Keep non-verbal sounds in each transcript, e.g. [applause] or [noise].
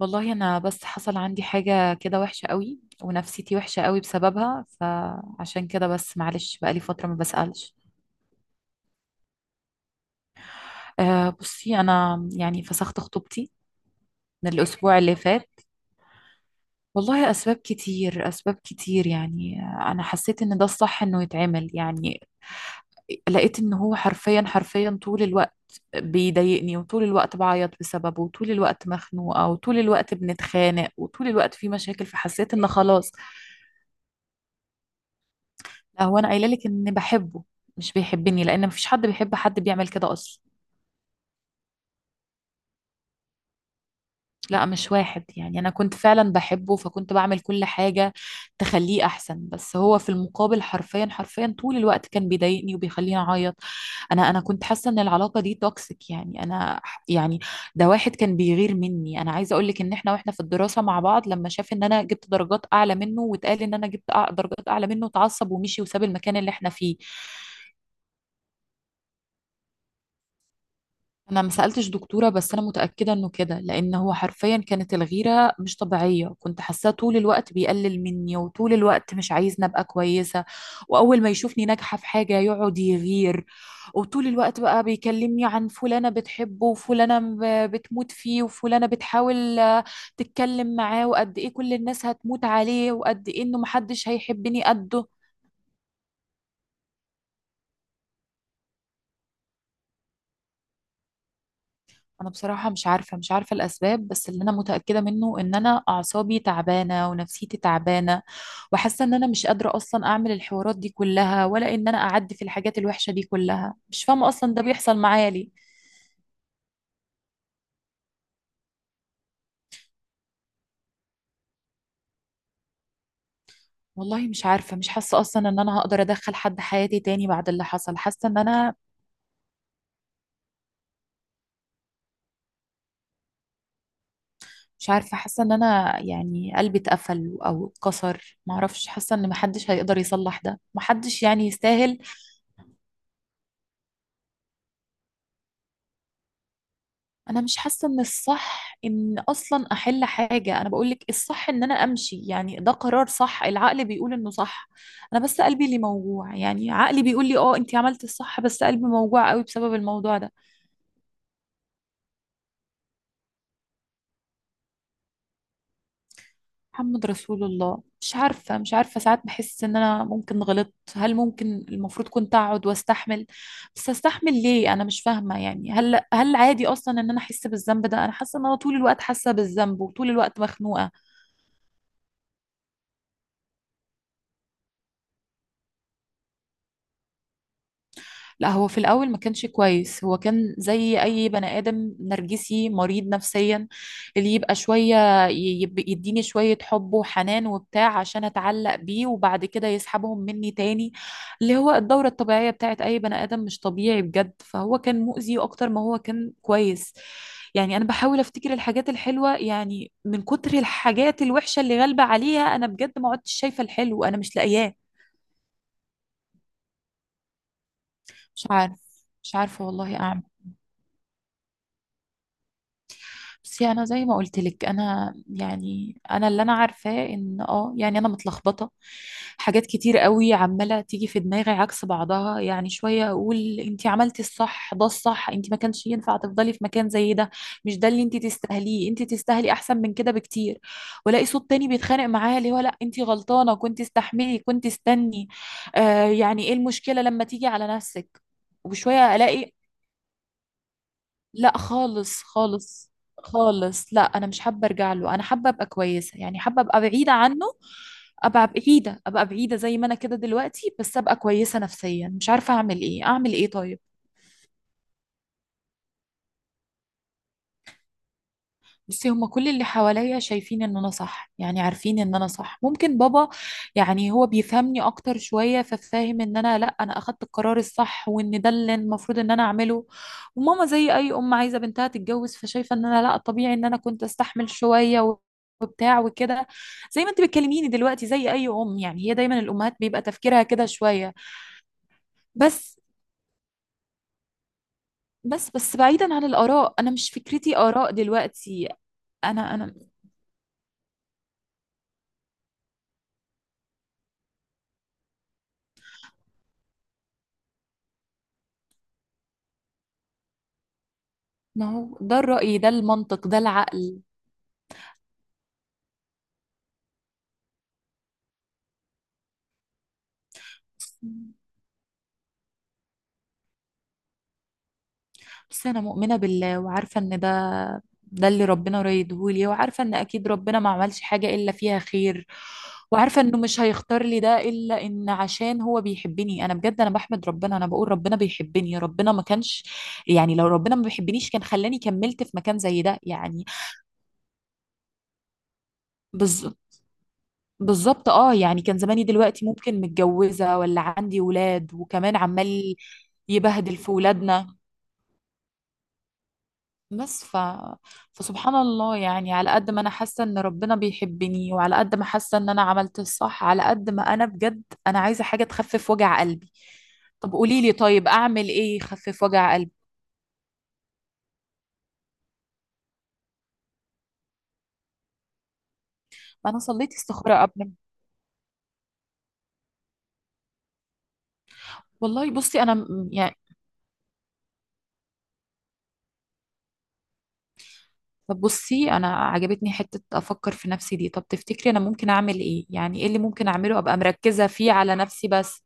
والله انا بس حصل عندي حاجة كده وحشة قوي ونفسيتي وحشة قوي بسببها، فعشان كده بس معلش بقالي فترة ما بسألش. أه، بصي انا يعني فسخت خطوبتي من الاسبوع اللي فات. والله اسباب كتير اسباب كتير، يعني انا حسيت ان ده الصح انه يتعمل يعني. لقيت ان هو حرفيا حرفيا طول الوقت بيضايقني، وطول الوقت بعيط بسببه، وطول الوقت مخنوقة، وطول الوقت بنتخانق، وطول الوقت في مشاكل، فحسيت ان خلاص. لا، هو انا قايله لك ان بحبه، مش بيحبني، لان مفيش حد بيحب حد بيعمل كده اصلا. لا، مش واحد، يعني انا كنت فعلا بحبه فكنت بعمل كل حاجه تخليه احسن، بس هو في المقابل حرفيا حرفيا طول الوقت كان بيضايقني وبيخليني اعيط. انا كنت حاسه ان العلاقه دي توكسيك، يعني يعني ده واحد كان بيغير مني. انا عايزه اقول لك ان احنا واحنا في الدراسه مع بعض، لما شاف ان انا جبت درجات اعلى منه واتقال ان انا جبت درجات اعلى منه، اتعصب ومشي وساب المكان اللي احنا فيه. انا ما سالتش دكتوره، بس انا متاكده انه كده، لان هو حرفيا كانت الغيره مش طبيعيه، كنت حاساه طول الوقت بيقلل مني، وطول الوقت مش عايزني ابقى كويسه. واول ما يشوفني ناجحه في حاجه يقعد يغير. وطول الوقت بقى بيكلمني عن فلانه بتحبه، وفلانه بتموت فيه، وفلانه بتحاول تتكلم معاه، وقد ايه كل الناس هتموت عليه، وقد ايه انه محدش هيحبني قده. انا بصراحة مش عارفة الاسباب، بس اللي انا متأكدة منه ان انا اعصابي تعبانة ونفسيتي تعبانة. وحاسة ان انا مش قادرة اصلا اعمل الحوارات دي كلها، ولا ان انا اعدي في الحاجات الوحشة دي كلها، مش فاهمة اصلا ده بيحصل معايا ليه؟ والله مش عارفة، مش حاسة اصلا ان انا هقدر ادخل حد حياتي تاني بعد اللي حصل، حاسة ان انا مش عارفة، حاسة ان انا يعني قلبي اتقفل او اتكسر، معرفش، حاسة ان محدش هيقدر يصلح ده، محدش يعني يستاهل. انا مش حاسه ان الصح ان اصلا احل حاجه، انا بقولك الصح ان انا امشي، يعني ده قرار صح، العقل بيقول انه صح. انا بس قلبي اللي موجوع، يعني عقلي بيقول لي اه انتي عملتي الصح، بس قلبي موجوع قوي بسبب الموضوع ده. محمد رسول الله. مش عارفه ساعات بحس ان انا ممكن غلطت، هل ممكن المفروض كنت اقعد واستحمل؟ بس استحمل ليه؟ انا مش فاهمه، يعني هل عادي اصلا ان انا احس بالذنب ده؟ انا حاسه ان انا طول الوقت حاسه بالذنب وطول الوقت مخنوقه. لا، هو في الأول ما كانش كويس، هو كان زي أي بني آدم نرجسي مريض نفسيا. اللي يبقى شوية يديني شوية حب وحنان وبتاع، عشان أتعلق بيه، وبعد كده يسحبهم مني تاني. اللي هو الدورة الطبيعية بتاعت أي بني آدم مش طبيعي بجد، فهو كان مؤذي أكتر ما هو كان كويس. يعني أنا بحاول أفتكر الحاجات الحلوة، يعني من كتر الحاجات الوحشة اللي غالبة عليها أنا بجد ما عدتش شايفة الحلو، أنا مش لاقياه. مش عارف مش عارفة والله أعمل. بس انا زي ما قلت لك انا يعني انا اللي انا عارفاه ان يعني انا متلخبطه. حاجات كتير قوي عماله تيجي في دماغي عكس بعضها، يعني شويه اقول انت عملتي الصح، ده الصح، انت ما كانش ينفع تفضلي في مكان زي ده، مش ده اللي انت تستاهليه، انت تستاهلي احسن من كده بكتير. والاقي صوت تاني بيتخانق معايا اللي هو لا انت غلطانه، كنت استحملي، كنت استني. آه، يعني ايه المشكله لما تيجي على نفسك. وبشويه الاقي لا خالص خالص. خالص، لا انا مش حابه ارجع له، انا حابه ابقى كويسه، يعني حابه ابقى بعيده عنه. ابقى بعيده، ابقى بعيده زي ما انا كده دلوقتي، بس ابقى كويسه نفسيا، مش عارفه اعمل ايه، اعمل ايه طيب؟ بصي، هما كل اللي حواليا شايفين ان انا صح، يعني عارفين ان انا صح، ممكن بابا يعني هو بيفهمني اكتر شوية، ففاهم ان انا لا انا اخدت القرار الصح، وان ده اللي المفروض ان انا اعمله. وماما زي اي ام عايزة بنتها تتجوز، فشايفة ان انا لا، طبيعي ان انا كنت استحمل شوية وبتاع وكده. زي ما انت بتكلميني دلوقتي زي اي ام، يعني هي دايما الامهات بيبقى تفكيرها كده شوية. بس بس بس، بعيدا عن الاراء انا مش فكرتي اراء دلوقتي. انا ما هو ده الرأي، ده المنطق، ده العقل. بس أنا مؤمنة بالله وعارفة إن ده اللي ربنا رايدهولي، وعارفة إن أكيد ربنا ما عملش حاجة إلا فيها خير. وعارفة إنه مش هيختار لي ده إلا إن عشان هو بيحبني، أنا بجد أنا بحمد ربنا، أنا بقول ربنا بيحبني، ربنا ما كانش. يعني لو ربنا ما بيحبنيش كان خلاني كملت في مكان زي ده يعني. بز... بالظبط اه، يعني كان زماني دلوقتي ممكن متجوزة ولا عندي ولاد وكمان عمال يبهدل في ولادنا. بس ف... فسبحان الله، يعني على قد ما انا حاسه ان ربنا بيحبني، وعلى قد ما حاسه ان انا عملت الصح، على قد ما انا بجد انا عايزه حاجه تخفف وجع قلبي. طب قولي لي، طيب اعمل ايه يخفف وجع قلبي؟ ما انا صليت استخاره قبل. والله بصي انا يعني. طب بصي، انا عجبتني حته افكر في نفسي دي، طب تفتكري انا ممكن اعمل ايه، يعني ايه اللي ممكن اعمله ابقى مركزه فيه على نفسي بس؟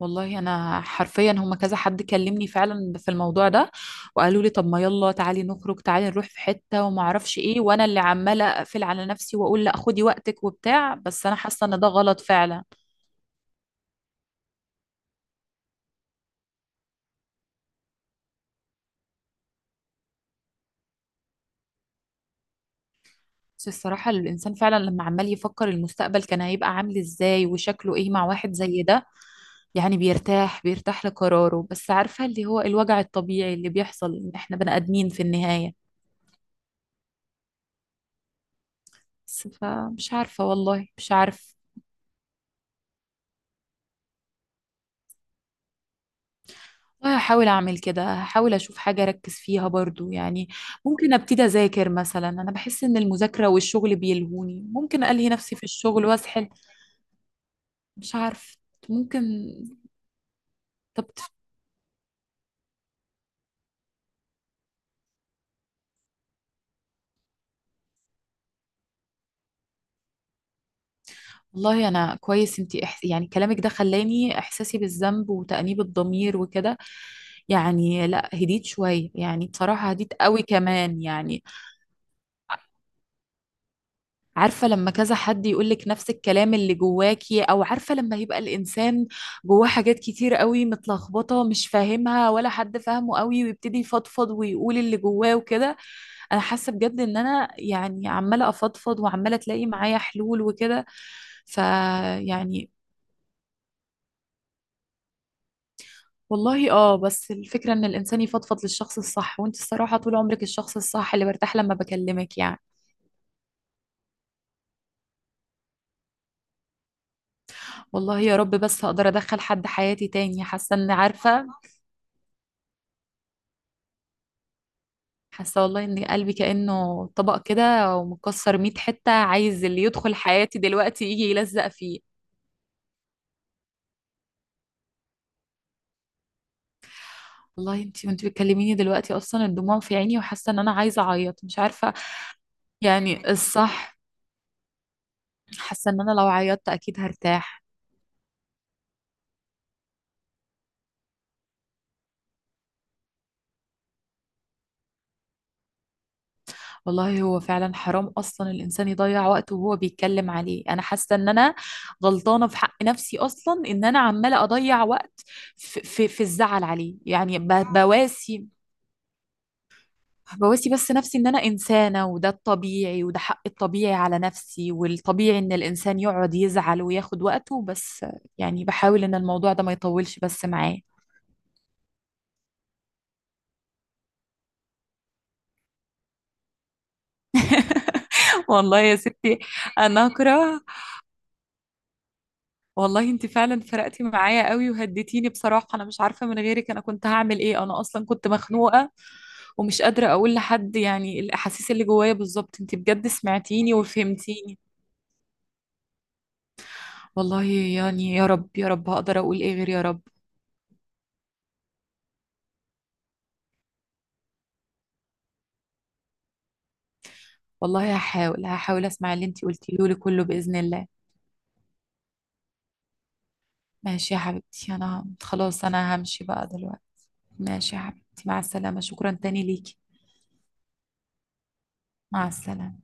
والله انا حرفيا هم كذا حد كلمني فعلا في الموضوع ده، وقالوا لي طب ما يلا تعالي نخرج، تعالي نروح في حته وما اعرفش ايه، وانا اللي عماله اقفل على نفسي واقول لا خدي وقتك وبتاع، بس انا حاسه ان ده غلط فعلا. بس الصراحه الانسان فعلا لما عمال يفكر المستقبل كان هيبقى عامل ازاي وشكله ايه مع واحد زي ده، يعني بيرتاح، بيرتاح لقراره، بس عارفه اللي هو الوجع الطبيعي اللي بيحصل ان احنا بني ادمين في النهايه. بس فمش عارفه، والله مش عارفه. والله هحاول اعمل كده، هحاول اشوف حاجه اركز فيها برضو يعني. ممكن ابتدي اذاكر مثلا، انا بحس ان المذاكره والشغل بيلهوني، ممكن الهي نفسي في الشغل واسحل. مش عارف، ممكن. طب والله انا كويس، انتي يعني كلامك ده خلاني احساسي بالذنب وتأنيب الضمير وكده. يعني لا هديت شويه، يعني بصراحه هديت قوي كمان يعني. عارفة لما كذا حد يقولك نفس الكلام اللي جواكي، أو عارفة لما يبقى الإنسان جواه حاجات كتير قوي متلخبطة مش فاهمها ولا حد فاهمه قوي، ويبتدي يفضفض ويقول اللي جواه وكده. أنا حاسة بجد إن أنا يعني عمالة أفضفض، وعمالة تلاقي معايا حلول وكده. فيعني والله اه، بس الفكرة إن الإنسان يفضفض للشخص الصح، وأنت الصراحة طول عمرك الشخص الصح اللي برتاح لما بكلمك يعني. والله يا رب، بس هقدر ادخل حد حياتي تاني؟ حاسه ان عارفه. حاسه والله ان قلبي كانه طبق كده ومكسر 100 حته، عايز اللي يدخل حياتي دلوقتي يجي يلزق فيه. والله انتي وانتي بتكلميني دلوقتي اصلا الدموع في عيني، وحاسه ان انا عايزه اعيط، مش عارفه. يعني الصح، حاسه ان انا لو عيطت اكيد هرتاح. والله هو فعلا حرام اصلا الانسان يضيع وقته وهو بيتكلم عليه، انا حاسه ان انا غلطانه في حق نفسي اصلا، ان انا عماله اضيع وقت في الزعل عليه، يعني بواسي بواسي بس نفسي ان انا انسانه، وده الطبيعي، وده حق الطبيعي على نفسي، والطبيعي ان الانسان يقعد يزعل وياخد وقته بس. يعني بحاول ان الموضوع ده ما يطولش بس معاه. [laughs] والله يا ستي، انا اكره. والله انت فعلا فرقتي معايا قوي وهديتيني، بصراحه انا مش عارفه من غيرك انا كنت هعمل ايه، انا اصلا كنت مخنوقه ومش قادره اقول لحد يعني الاحاسيس اللي جوايا بالظبط، انت بجد سمعتيني وفهمتيني. والله يعني يا رب يا رب، هقدر اقول ايه غير يا رب. والله هحاول هحاول اسمع اللي انتي قلتيه لي كله باذن الله. ماشي يا حبيبتي، انا خلاص انا همشي بقى دلوقتي. ماشي يا حبيبتي، مع السلامه، شكرا تاني ليكي. مع السلامه.